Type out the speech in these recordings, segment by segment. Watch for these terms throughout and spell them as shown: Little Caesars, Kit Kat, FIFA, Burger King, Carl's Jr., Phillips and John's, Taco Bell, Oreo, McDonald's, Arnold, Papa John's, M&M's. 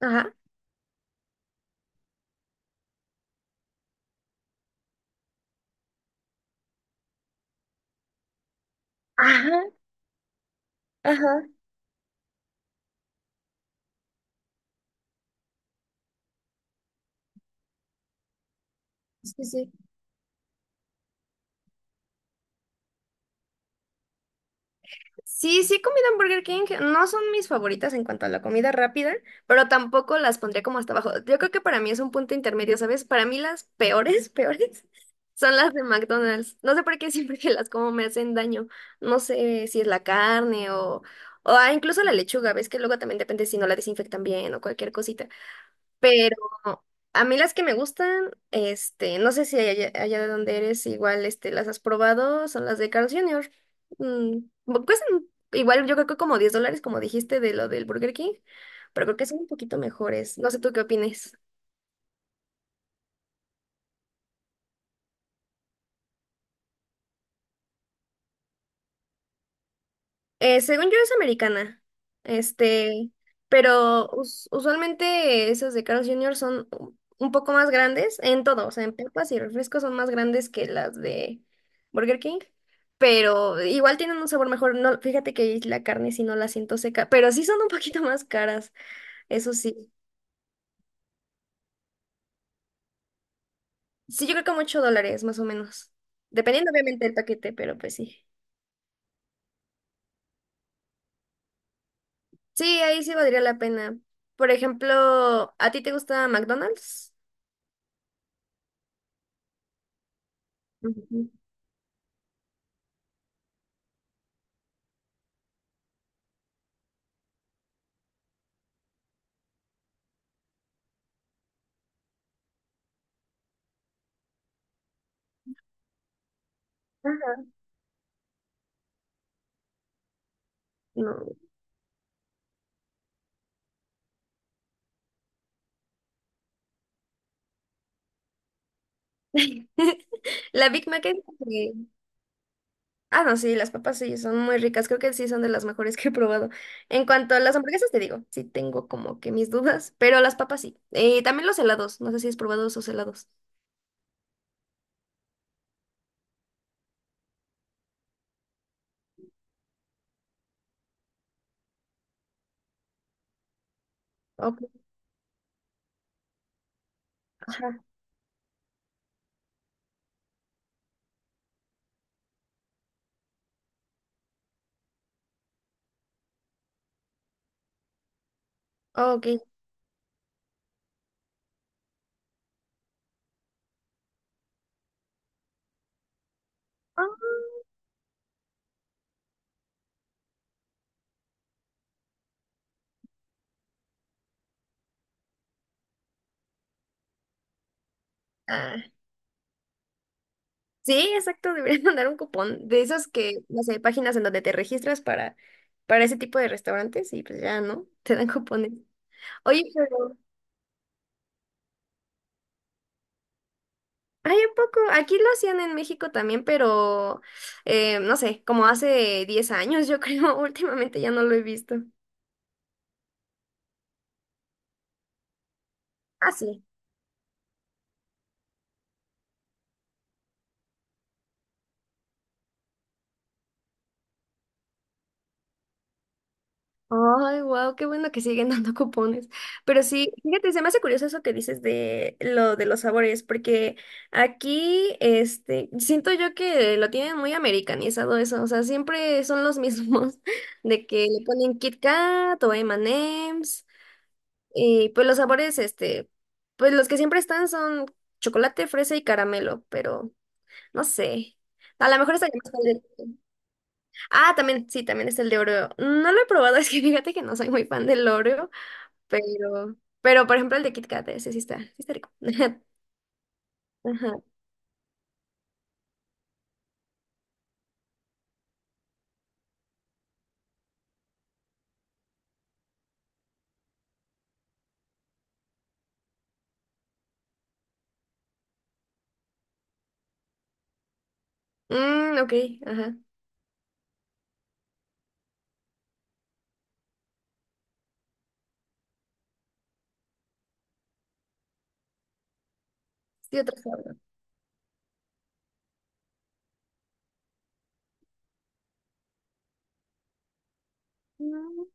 Ajá, ajá, ajá. Sí, sí. Sí, sí he comido en Burger King. No son mis favoritas en cuanto a la comida rápida, pero tampoco las pondría como hasta abajo. Yo creo que para mí es un punto intermedio, ¿sabes? Para mí las peores, peores, son las de McDonald's. No sé por qué siempre que las como me hacen daño. No sé si es la carne o incluso la lechuga. Ves que luego también depende si no la desinfectan bien o cualquier cosita. Pero a mí las que me gustan, este, no sé si allá, allá de donde eres igual, este, las has probado, son las de Carl Jr. Mm, cuestan igual, yo creo que como $10, como dijiste de lo del Burger King, pero creo que son un poquito mejores. No sé tú qué opines. Según yo es americana, este, pero usualmente esas de Carl's Jr. son un poco más grandes en todo, o sea, en papas y refrescos son más grandes que las de Burger King, pero igual tienen un sabor mejor. No, fíjate que la carne si no la siento seca, pero sí son un poquito más caras, eso sí. Sí, yo creo que como $8 más o menos, dependiendo obviamente del paquete, pero pues sí. Sí, ahí sí valdría la pena. Por ejemplo, ¿a ti te gusta McDonald's? Ujú. No. La Big Mac es... eh, Ah, no, sí, las papas sí, son muy ricas. Creo que sí son de las mejores que he probado. En cuanto a las hamburguesas, te digo, sí tengo como que mis dudas, pero las papas sí. También los helados, no sé si has probado esos helados. Ok, ajá, ok. Ah, ah, sí, exacto, deberían mandar un cupón de esas que, no sé, páginas en donde te registras para, ese tipo de restaurantes y pues ya, ¿no? Te dan cupones. Oye, pero... Ay, ¿a poco? Aquí lo hacían en México también, pero no sé, como hace 10 años, yo creo, últimamente ya no lo he visto. Ah, sí. Ay, wow, qué bueno que siguen dando cupones. Pero sí, fíjate, se me hace curioso eso que dices de lo de los sabores, porque aquí, este, siento yo que lo tienen muy americanizado eso, o sea, siempre son los mismos, de que le ponen Kit Kat o M&M's. Y pues los sabores, este, pues los que siempre están son chocolate, fresa y caramelo, pero no sé. A lo mejor está que más fan del- Ah, también, sí, también es el de Oreo. No lo he probado, es que fíjate que no soy muy fan del Oreo, pero, pero por ejemplo el de Kit Kat, ese sí está rico. Ajá. Mm, ok, ajá. Sí, otro sabor. Mm.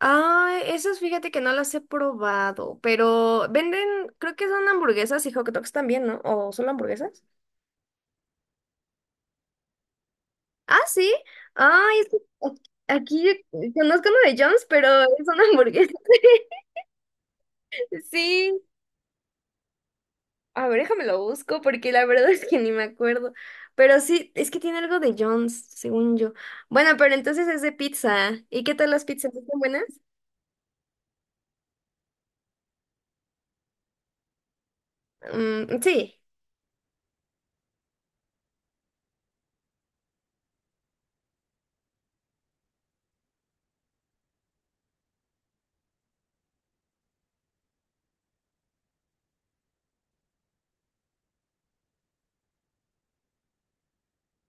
Ah, esos fíjate que no las he probado, pero venden, creo que son hamburguesas y hot dogs también, ¿no? ¿O solo hamburguesas? Ah, sí. Ay, es que aquí conozco uno de Jones, pero es una hamburguesa. Sí. A ver, déjame lo busco porque la verdad es que ni me acuerdo. Pero sí, es que tiene algo de Jones, según yo. Bueno, pero entonces es de pizza. ¿Y qué tal las pizzas? ¿Están buenas? Mm, sí.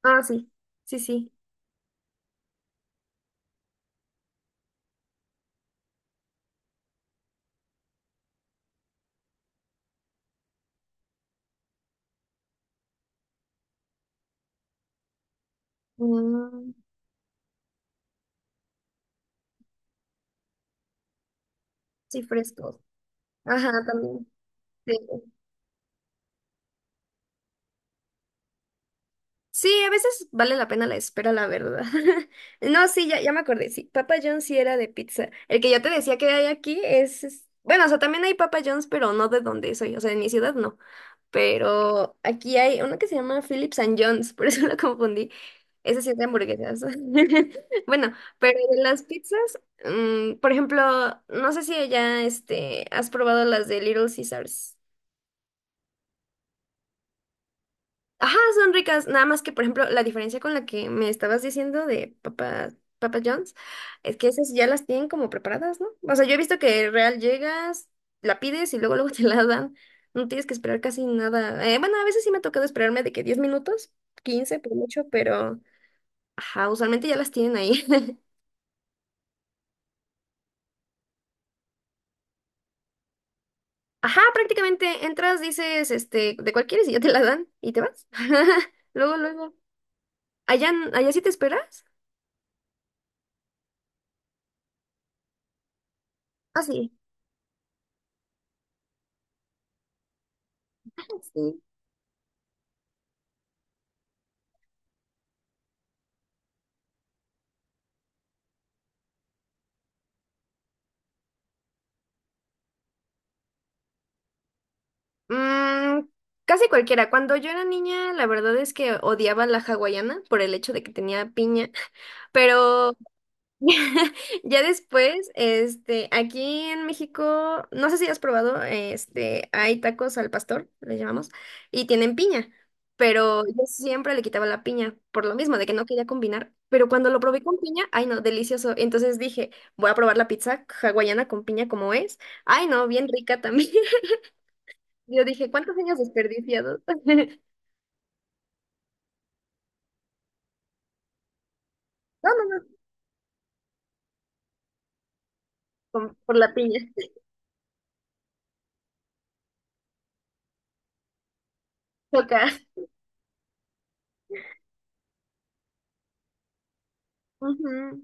Ah, sí. Sí, sí. Mm, sí, frescos. Ajá, también. Sí. Sí, a veces vale la pena la espera, la verdad. No, sí, ya, ya me acordé, sí, Papa John's sí era de pizza. El que yo te decía que hay aquí bueno, o sea, también hay Papa John's, pero no de donde soy, o sea, en mi ciudad no. Pero aquí hay uno que se llama Phillips and John's, por eso lo confundí. Ese sí es de hamburguesas. Bueno, pero de las pizzas, por ejemplo, no sé si ya, este, has probado las de Little Caesars. Ajá, son ricas. Nada más que, por ejemplo, la diferencia con la que me estabas diciendo de Papa John's es que esas ya las tienen como preparadas, ¿no? O sea, yo he visto que real llegas, la pides y luego luego te la dan. No tienes que esperar casi nada. Bueno, a veces sí me ha tocado esperarme de que 10 minutos, 15 por mucho, pero ajá, usualmente ya las tienen ahí. Ajá, prácticamente entras, dices, este, de cuál quieres y ya te la dan y te vas. Luego, luego. ¿Allá, allá sí te esperas? Ah, sí. Sí. Mm, casi cualquiera. Cuando yo era niña, la verdad es que odiaba la hawaiana por el hecho de que tenía piña, pero ya después, este, aquí en México, no sé si has probado, este, hay tacos al pastor, le llamamos, y tienen piña, pero yo siempre le quitaba la piña por lo mismo, de que no quería combinar. Pero cuando lo probé con piña, ay no, delicioso. Entonces dije, voy a probar la pizza hawaiana con piña como es. Ay no, bien rica también. Yo dije, ¿cuántos años desperdiciados? No, no, no, por la piña, te toca. Ujú.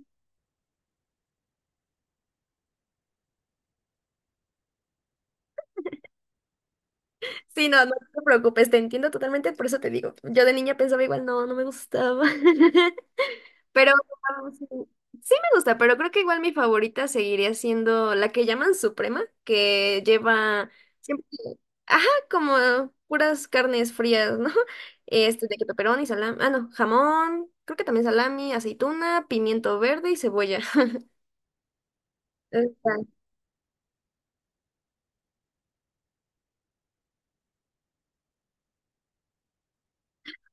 Sí, no, no te preocupes, te entiendo totalmente, por eso te digo. Yo de niña pensaba igual, no, no me gustaba. Pero sí, sí me gusta, pero creo que igual mi favorita seguiría siendo la que llaman Suprema, que lleva siempre, ajá, como puras carnes frías, ¿no? Este, de queso y salami, ah, no, jamón, creo que también salami, aceituna, pimiento verde y cebolla. Está...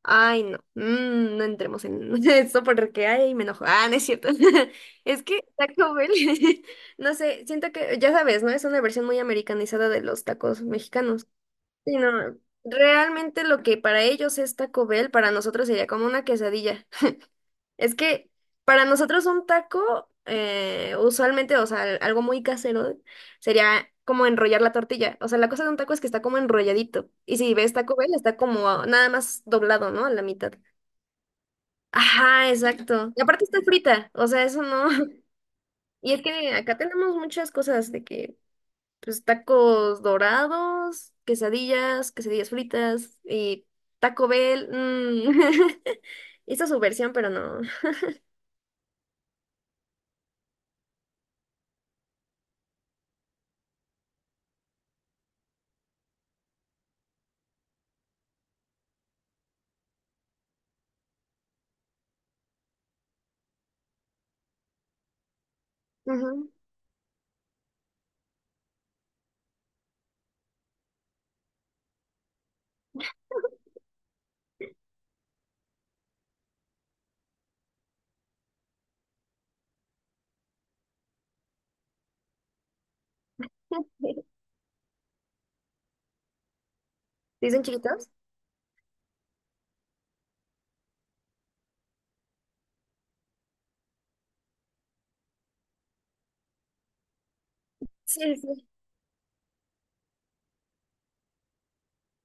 Ay, no, no entremos en eso porque ay, me enojo. Ah, no es cierto. Es que Taco Bell, no sé, siento que, ya sabes, ¿no? Es una versión muy americanizada de los tacos mexicanos. Sí, no, realmente lo que para ellos es Taco Bell, para nosotros sería como una quesadilla. Es que para nosotros un taco, usualmente, o sea, algo muy casero, sería como enrollar la tortilla. O sea, la cosa de un taco es que está como enrolladito. Y si ves Taco Bell, está como nada más doblado, ¿no? A la mitad. Ajá, exacto. Y aparte está frita, o sea, eso no. Y es que acá tenemos muchas cosas de que, pues, tacos dorados, quesadillas, quesadillas fritas y Taco Bell. Mm. Hizo su versión, pero no. Ujú. ¿Dicen chiquitos? Sí, sí.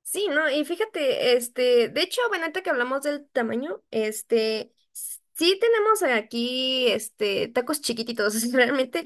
Sí, no, y fíjate, este, de hecho, bueno, ahorita que hablamos del tamaño, este, sí tenemos aquí, este, tacos chiquititos, realmente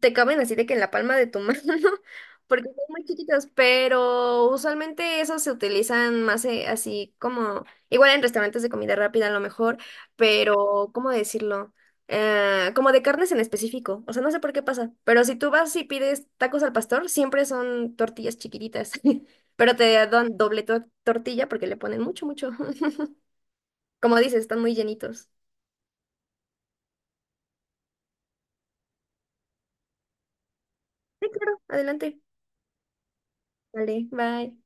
te caben así de que en la palma de tu mano, porque son muy chiquitos, pero usualmente esos se utilizan más así como, igual en restaurantes de comida rápida a lo mejor, pero, ¿cómo decirlo? Como de carnes en específico, o sea, no sé por qué pasa, pero si tú vas y pides tacos al pastor, siempre son tortillas chiquititas. Pero te dan doble tortilla porque le ponen mucho, mucho. Como dices, están muy llenitos. Sí, claro, adelante. Vale, bye.